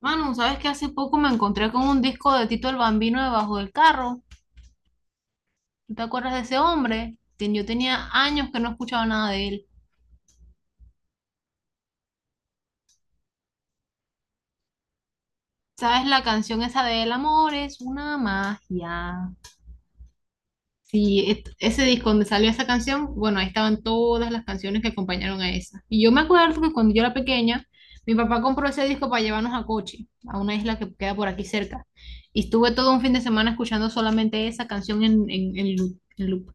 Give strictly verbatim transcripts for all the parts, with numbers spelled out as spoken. Manu, ¿sabes que hace poco me encontré con un disco de Tito el Bambino debajo del carro? ¿Tú te acuerdas de ese hombre? Ten- Yo tenía años que no escuchaba nada de él. ¿Sabes la canción esa de El amor es una magia? Sí, et- ese disco donde salió esa canción, bueno, ahí estaban todas las canciones que acompañaron a esa. Y yo me acuerdo que cuando yo era pequeña, mi papá compró ese disco para llevarnos a Coche, a una isla que queda por aquí cerca. Y estuve todo un fin de semana escuchando solamente esa canción en, en, en loop. en loop.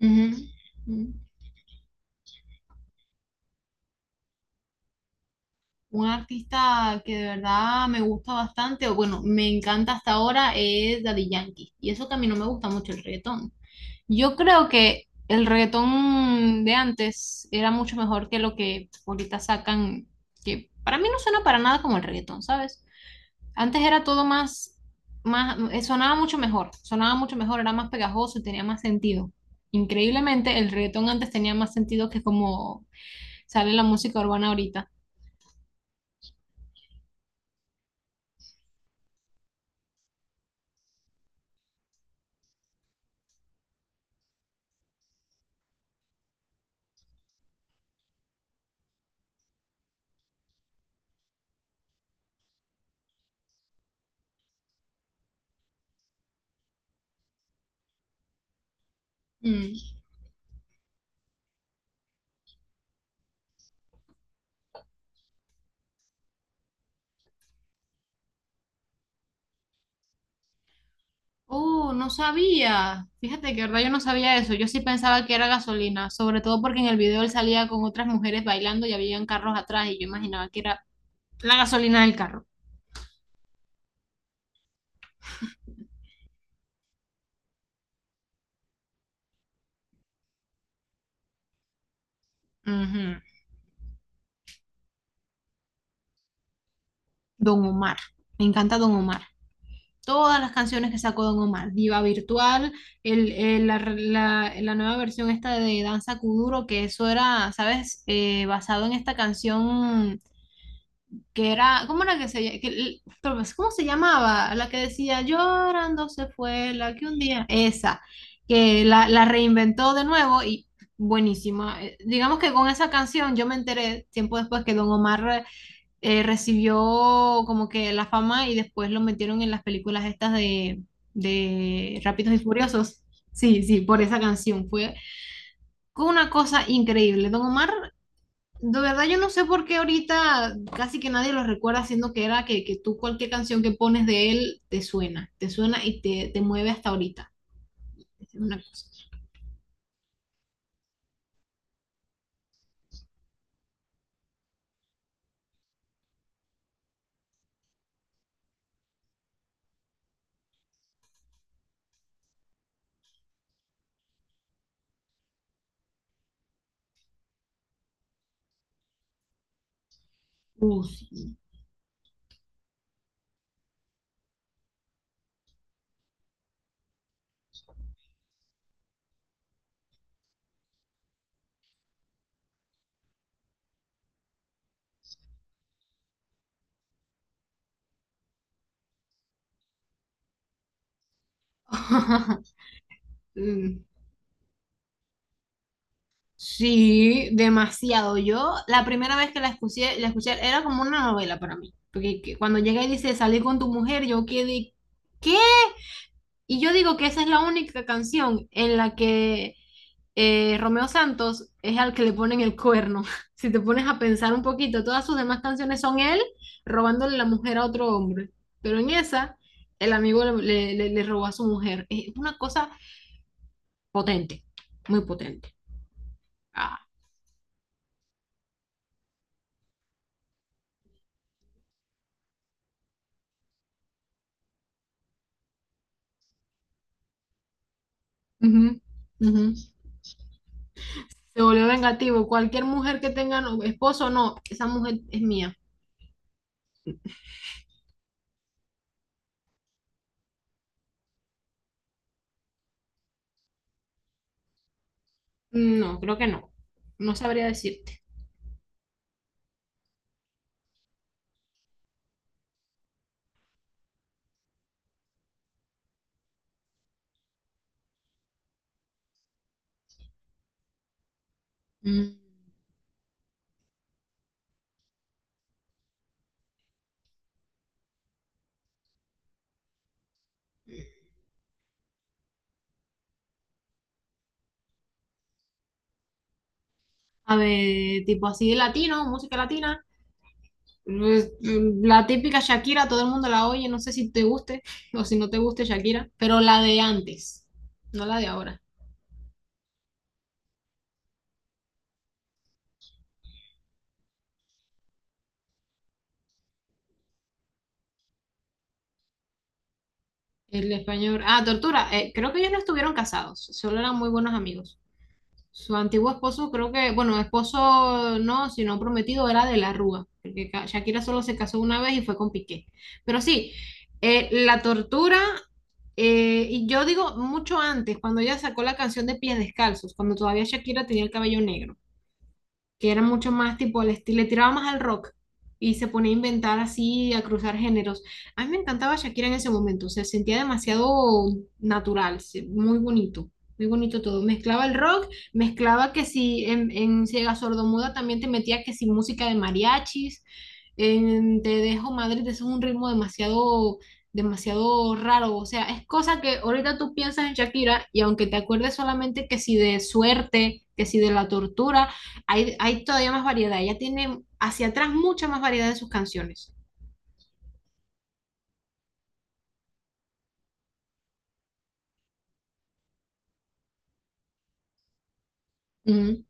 Ujú. Mm. Un artista que de verdad me gusta bastante, o bueno, me encanta hasta ahora, es Daddy Yankee. Y eso que a mí no me gusta mucho el reggaetón. Yo creo que el reggaetón de antes era mucho mejor que lo que ahorita sacan, que para mí no suena para nada como el reggaetón, ¿sabes? Antes era todo más, más, eh, sonaba mucho mejor, sonaba mucho mejor, era más pegajoso y tenía más sentido. Increíblemente, el reggaetón antes tenía más sentido que como sale la música urbana ahorita. Mm. Oh, no sabía. Fíjate que verdad yo no sabía eso. Yo sí pensaba que era gasolina, sobre todo porque en el video él salía con otras mujeres bailando y habían carros atrás y yo imaginaba que era la gasolina del carro. Ujú. Don Omar. Me encanta Don Omar. Todas las canciones que sacó Don Omar. Diva Virtual, el, el- la, la- la nueva versión esta de Danza Kuduro, que eso era, ¿sabes? Eh, basado en esta canción. Que era, ¿cómo era que se, que ¿Cómo se llamaba? La que decía, llorando se fue, la que un día, esa, que la, la reinventó de nuevo y buenísima. Eh, Digamos que con esa canción yo me enteré tiempo después que Don Omar eh, recibió como que la fama y después lo metieron en las películas estas de, de Rápidos y Furiosos. Sí, sí, por esa canción. Fue una cosa increíble. Don Omar de verdad yo no sé por qué ahorita casi que nadie lo recuerda, siendo que era que, que tú cualquier canción que pones de él te suena, te suena y te, te mueve hasta ahorita. Es una cosa. Uh, sí. Sí, demasiado. Yo la primera vez que la escuché, la escuché era como una novela para mí, porque que- cuando llega y dice salí con tu mujer, yo quedé, ¿qué? Y yo digo que esa es la única canción en la que eh, Romeo Santos es al que le ponen el cuerno. Si te pones a pensar un poquito, todas sus demás canciones son él robándole la mujer a otro hombre. Pero en esa, el amigo le, le, le robó a su mujer. Es una cosa potente, muy potente. Ah, uh -huh, uh -huh. Se volvió vengativo. Cualquier mujer que tenga no, esposo, no, esa mujer es mía. Mm, no, creo que no. No sabría decirte. Mm. A ver, tipo así de latino, música latina. Pues, la típica Shakira, todo el mundo la oye, no sé si te guste o si no te guste Shakira, pero la de antes, no la de ahora. El español. Ah, Tortura, eh, creo que ellos no estuvieron casados, solo eran muy buenos amigos. Su antiguo esposo, creo que, bueno, esposo no, sino prometido era de la Rúa, porque ca- Shakira solo se casó una vez y fue con Piqué. Pero sí, eh, la tortura, eh, y yo digo mucho antes, cuando ella sacó la canción de Pies Descalzos, cuando todavía Shakira tenía el cabello negro. Que era mucho más tipo el estilo, le tiraba más al rock y se ponía a inventar así, a cruzar géneros. A mí me encantaba Shakira en ese momento, se sentía demasiado natural, se- muy bonito, muy bonito todo. Mezclaba el rock, mezclaba que si en, en Ciega Sordomuda también te metía que si música de mariachis, en Te Dejo Madrid, eso es un ritmo demasiado... demasiado raro, o sea, es cosa que ahorita tú piensas en Shakira y aunque te acuerdes solamente que si de suerte, que si de la tortura, hay, hay todavía más variedad. Ella tiene hacia atrás mucha más variedad de sus canciones. Ujú,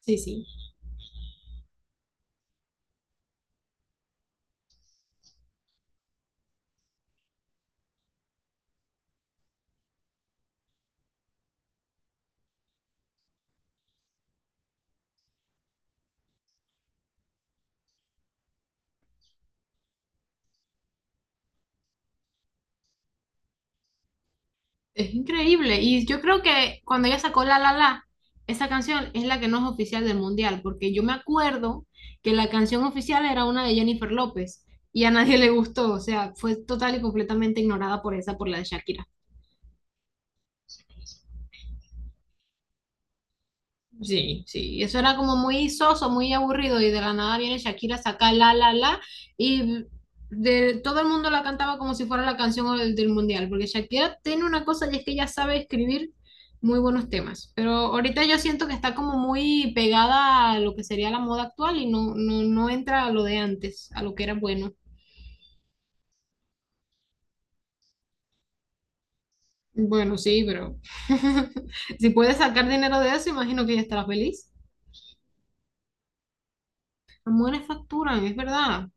sí, sí. Es increíble. Y yo creo que cuando ella sacó La La La, esa canción es la que no es oficial del mundial, porque yo me acuerdo que la canción oficial era una de Jennifer López y a nadie le gustó. O sea, fue total y completamente ignorada por esa, por la de Shakira. Sí, sí, eso era como muy soso, muy aburrido y de la nada viene Shakira saca la la la y de, todo el mundo la cantaba como si fuera la canción del, del mundial, porque Shakira tiene una cosa y es que ella sabe escribir muy buenos temas, pero ahorita yo siento que está como muy pegada a lo que sería la moda actual y no, no, no entra a lo de antes, a lo que era bueno. Bueno, sí, pero si puedes sacar dinero de eso, imagino que ella estará feliz. Amores facturan, es verdad.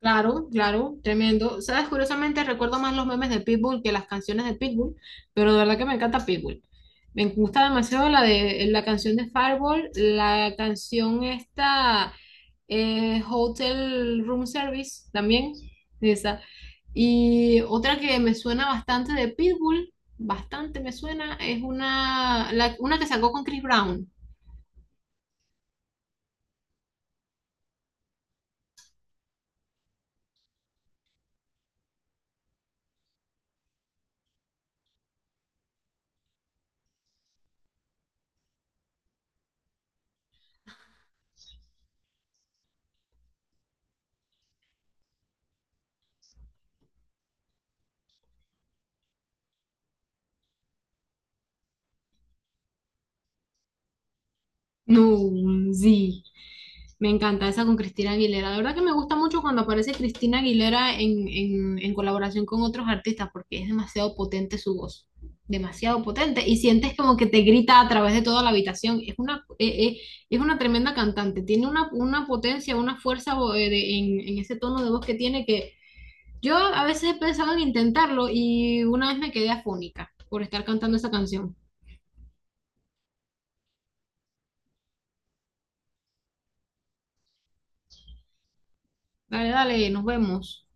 Claro, claro, tremendo. Sabes, curiosamente recuerdo más los memes de Pitbull que las canciones de Pitbull, pero de verdad que me encanta Pitbull. Me gusta demasiado la de la canción de Fireball, la canción esta eh, Hotel Room Service también, esa. Y otra que me suena bastante de Pitbull, bastante me suena, es una, la- una que sacó con Chris Brown. No, sí. Me encanta esa con Cristina Aguilera. La verdad que me gusta mucho cuando aparece Cristina Aguilera en, en, en colaboración con otros artistas porque es demasiado potente su voz. Demasiado potente. Y sientes como que te grita a través de toda la habitación. Es una, eh, eh, es una tremenda cantante. Tiene una, una potencia, una fuerza eh, de- en, en ese tono de voz que tiene que yo a veces he pensado en intentarlo y una vez me quedé afónica por estar cantando esa canción. Dale, dale, nos vemos.